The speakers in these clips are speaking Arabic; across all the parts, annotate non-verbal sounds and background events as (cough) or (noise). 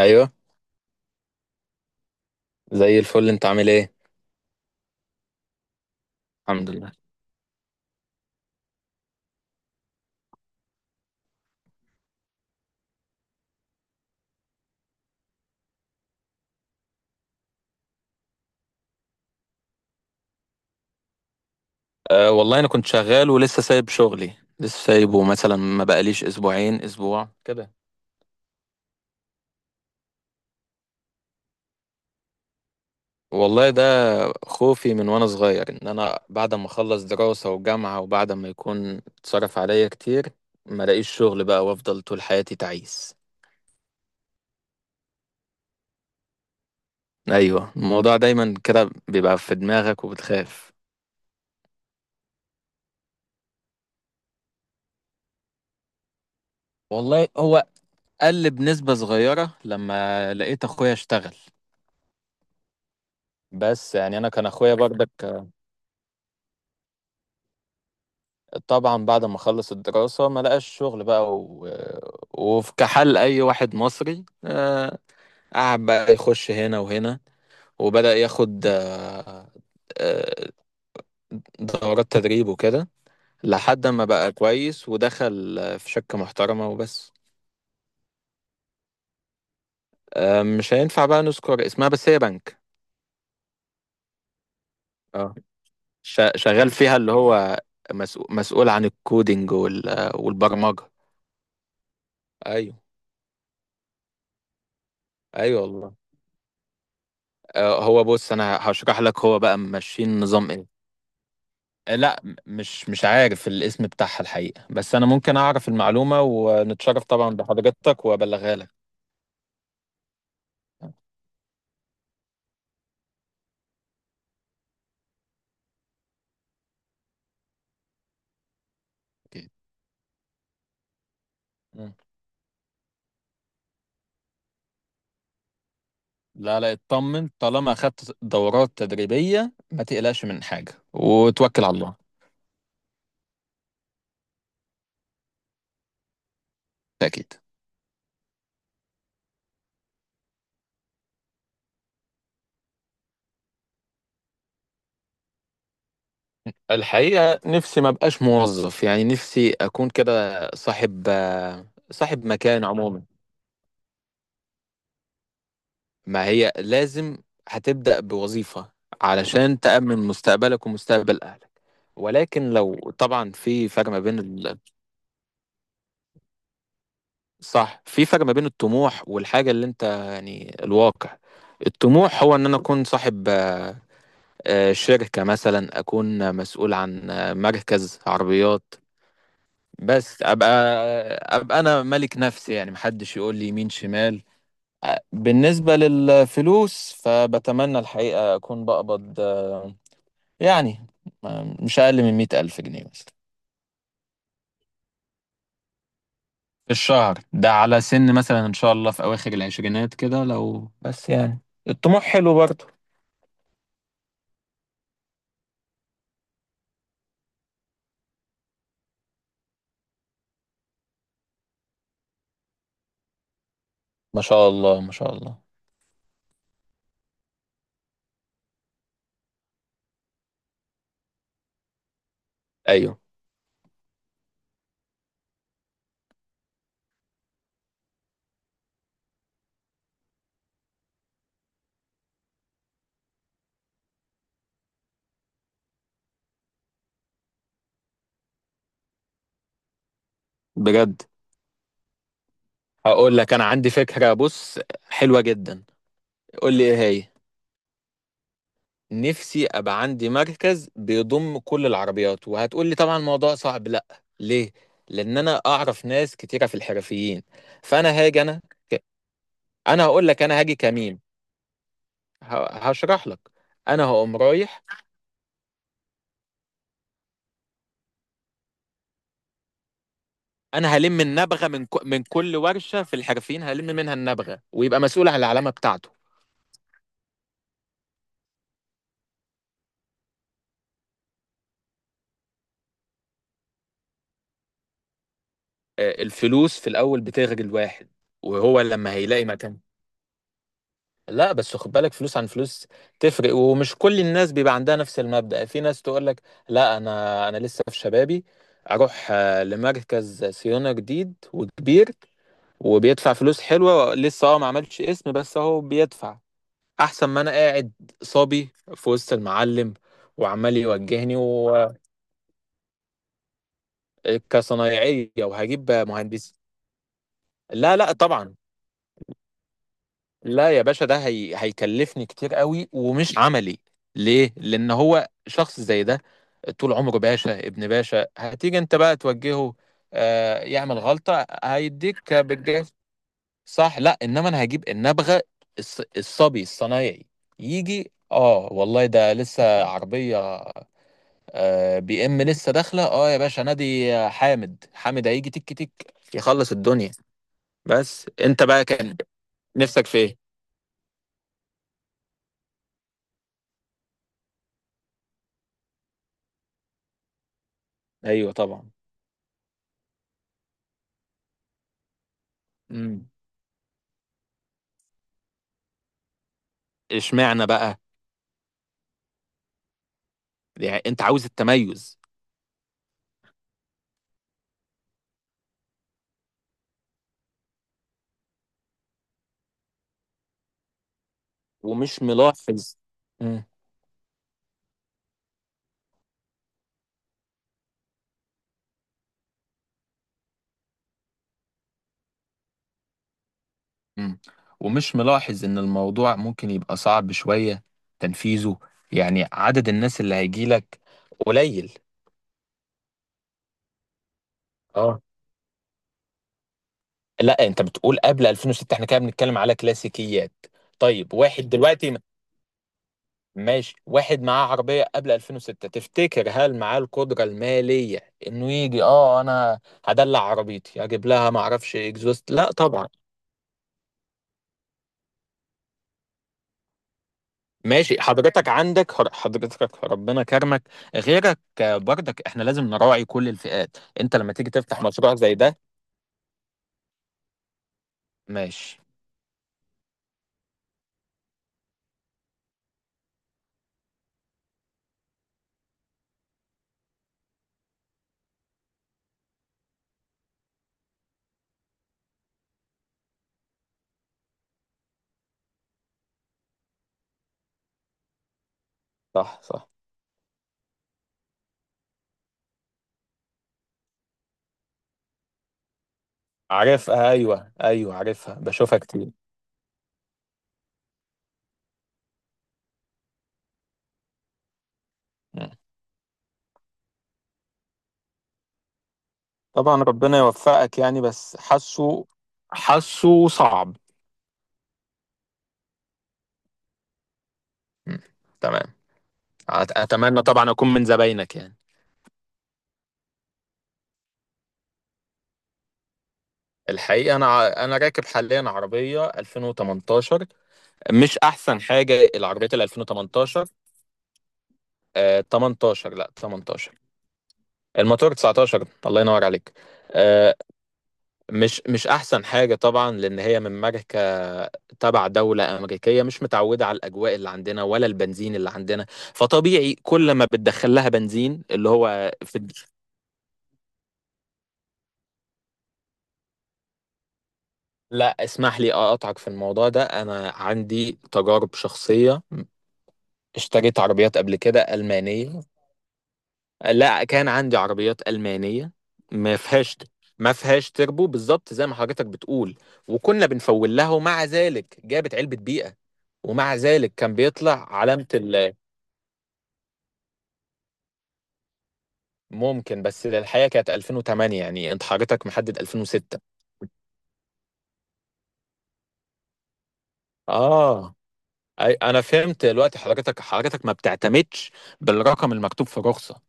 ايوه. زي الفل، انت عامل ايه؟ الحمد لله. أه والله انا كنت شغال ولسه سايب شغلي، لسه سايبه مثلا، ما بقاليش اسبوعين اسبوع كده. والله ده خوفي من وانا صغير ان انا بعد ما اخلص دراسة وجامعة وبعد ما يكون اتصرف عليا كتير ما الاقيش شغل بقى وافضل طول حياتي تعيس. ايوه، الموضوع دايما كده بيبقى في دماغك وبتخاف. والله هو قل بنسبة صغيرة لما لقيت اخويا اشتغل، بس يعني انا كان اخويا برضك. طبعا بعد ما خلص الدراسة ما لقاش شغل بقى وفي كحال أي واحد مصري، قعد بقى يخش هنا وهنا وبدأ ياخد آه، دورات تدريب وكده، لحد ما بقى كويس ودخل في شركة محترمة وبس. مش هينفع بقى نذكر اسمها، بس هي بنك. اه، شغال فيها اللي هو مسؤول عن الكودينج والبرمجة. ايوه. ايوه والله. هو بص انا هشرح لك، هو بقى ماشيين نظام. لا، مش عارف الاسم بتاعها الحقيقة، بس أنا ممكن أعرف المعلومة ونتشرف طبعا بحضرتك وأبلغها لك. أكيد. مم. لا لا اطمن، طالما أخدت دورات تدريبية ما تقلقش من حاجة وتوكل على الله. أكيد. الحقيقة نفسي ما بقاش موظف، يعني نفسي أكون كده صاحب. صاحب مكان عموما. ما هي لازم هتبدأ بوظيفة علشان تأمن مستقبلك ومستقبل أهلك. ولكن لو طبعا في فرق ما بين، صح، في فرق ما بين الطموح والحاجة اللي انت يعني الواقع. الطموح هو ان انا اكون صاحب شركة مثلا، اكون مسؤول عن مركز عربيات. بس ابقى انا ملك نفسي، يعني محدش يقول لي يمين شمال. بالنسبة للفلوس فبتمنى الحقيقة اكون بقبض يعني مش اقل من مئة الف جنيه مثلا في الشهر، ده على سن مثلا ان شاء الله في اواخر العشرينات كده، لو بس يعني، الطموح حلو برضه. ما شاء الله ما شاء الله. ايوه بجد. هقول لك انا عندي فكرة، بص، حلوة جدا. قول لي ايه هي. نفسي ابقى عندي مركز بيضم كل العربيات، وهتقول لي طبعا الموضوع صعب، لا، ليه؟ لان انا اعرف ناس كتيرة في الحرفيين، فانا هاجي انا ك- انا هقول لك، انا هاجي كمين. هشرح لك. انا هقوم رايح، انا هلم النبغه من كل ورشه في الحرفيين، هلم منها النبغه ويبقى مسؤول عن العلامه بتاعته. الفلوس في الاول بتغري الواحد، وهو لما هيلاقي مكان. لا، بس خد بالك، فلوس عن فلوس تفرق، ومش كل الناس بيبقى عندها نفس المبدأ، في ناس تقول لك لا، انا لسه في شبابي، اروح لمركز صيانه جديد وكبير وبيدفع فلوس حلوه، لسه اه ما عملش اسم بس اهو بيدفع، احسن ما انا قاعد صبي في وسط المعلم وعمال يوجهني كصنايعية وهجيب مهندس. لا لا طبعا. لا يا باشا، هيكلفني كتير قوي ومش عملي. ليه؟ لأن هو شخص زي ده طول عمره باشا ابن باشا، هتيجي انت بقى توجهه، آه يعمل غلطة هيديك بالجاف. صح. لا انما انا هجيب النبغة، الصبي الصنايعي، يجي اه والله ده لسه عربية آه بي ام لسه داخلة، اه يا باشا نادي حامد، حامد هيجي تك تك يخلص الدنيا. بس انت بقى كان نفسك في ايه؟ ايوه طبعا. امم اشمعنى بقى؟ يعني انت عاوز التميز. ومش ملاحظ. مم. مم. ومش ملاحظ ان الموضوع ممكن يبقى صعب شوية تنفيذه، يعني عدد الناس اللي هيجيلك قليل. اه، لا، انت بتقول قبل 2006، احنا كده بنتكلم على كلاسيكيات. طيب، واحد دلوقتي، ماشي، واحد معاه عربية قبل 2006 تفتكر هل معاه القدرة المالية انه يجي اه انا هدلع عربيتي اجيب لها ما اعرفش اكزوست؟ لا طبعا. ماشي، حضرتك عندك حضرتك ربنا كرمك، غيرك برضك احنا لازم نراعي كل الفئات، انت لما تيجي تفتح مشروع زي ده. ماشي. صح صح. عارفها، ايوه ايوه عارفها، بشوفها كتير. مم. طبعا ربنا يوفقك يعني، بس حاسه، حاسه صعب. مم. تمام. اتمنى طبعا اكون من زباينك يعني. الحقيقه انا انا راكب حاليا عربيه 2018. مش احسن حاجه العربيات ال 2018. آه 18، لا 18. الموتور 19. الله ينور عليك. آه مش احسن حاجه طبعا، لان هي من ماركه تبع دوله امريكيه مش متعوده على الاجواء اللي عندنا ولا البنزين اللي عندنا، فطبيعي كل ما بتدخل لها بنزين اللي هو في. لا اسمح لي اقطعك في الموضوع ده، انا عندي تجارب شخصية، اشتريت عربيات قبل كده ألمانية. لا، كان عندي عربيات ألمانية. ما فيهاش ما فيهاش تربو بالظبط زي ما حضرتك بتقول، وكنا بنفول لها ومع ذلك جابت علبة بيئة، ومع ذلك كان بيطلع علامة ممكن، بس الحقيقة كانت 2008 يعني، انت حضرتك محدد 2006. اه. انا فهمت دلوقتي، حضرتك ما بتعتمدش بالرقم المكتوب في الرخصة.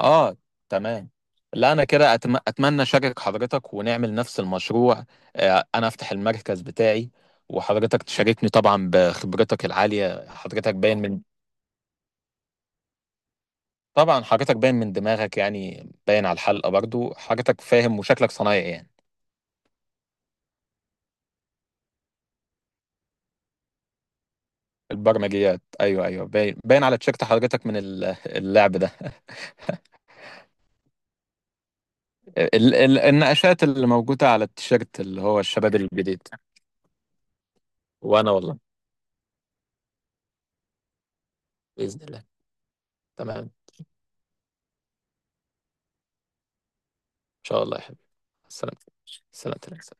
اه. تمام. لا انا كده اتمنى اشارك حضرتك ونعمل نفس المشروع، انا افتح المركز بتاعي وحضرتك تشاركني طبعا بخبرتك العالية، حضرتك باين من، طبعا حضرتك باين من دماغك يعني، باين على الحلقة برضو حضرتك فاهم، وشكلك صنايعي يعني. البرمجيات، ايوه ايوه باين، على تيشيرت حضرتك من اللعب ده. (laughs) النقاشات اللي موجودة على التيشيرت اللي هو الشباب الجديد. وانا والله بإذن الله. تمام. ان شاء الله يا حبيبي. سلامتك. سلامتك.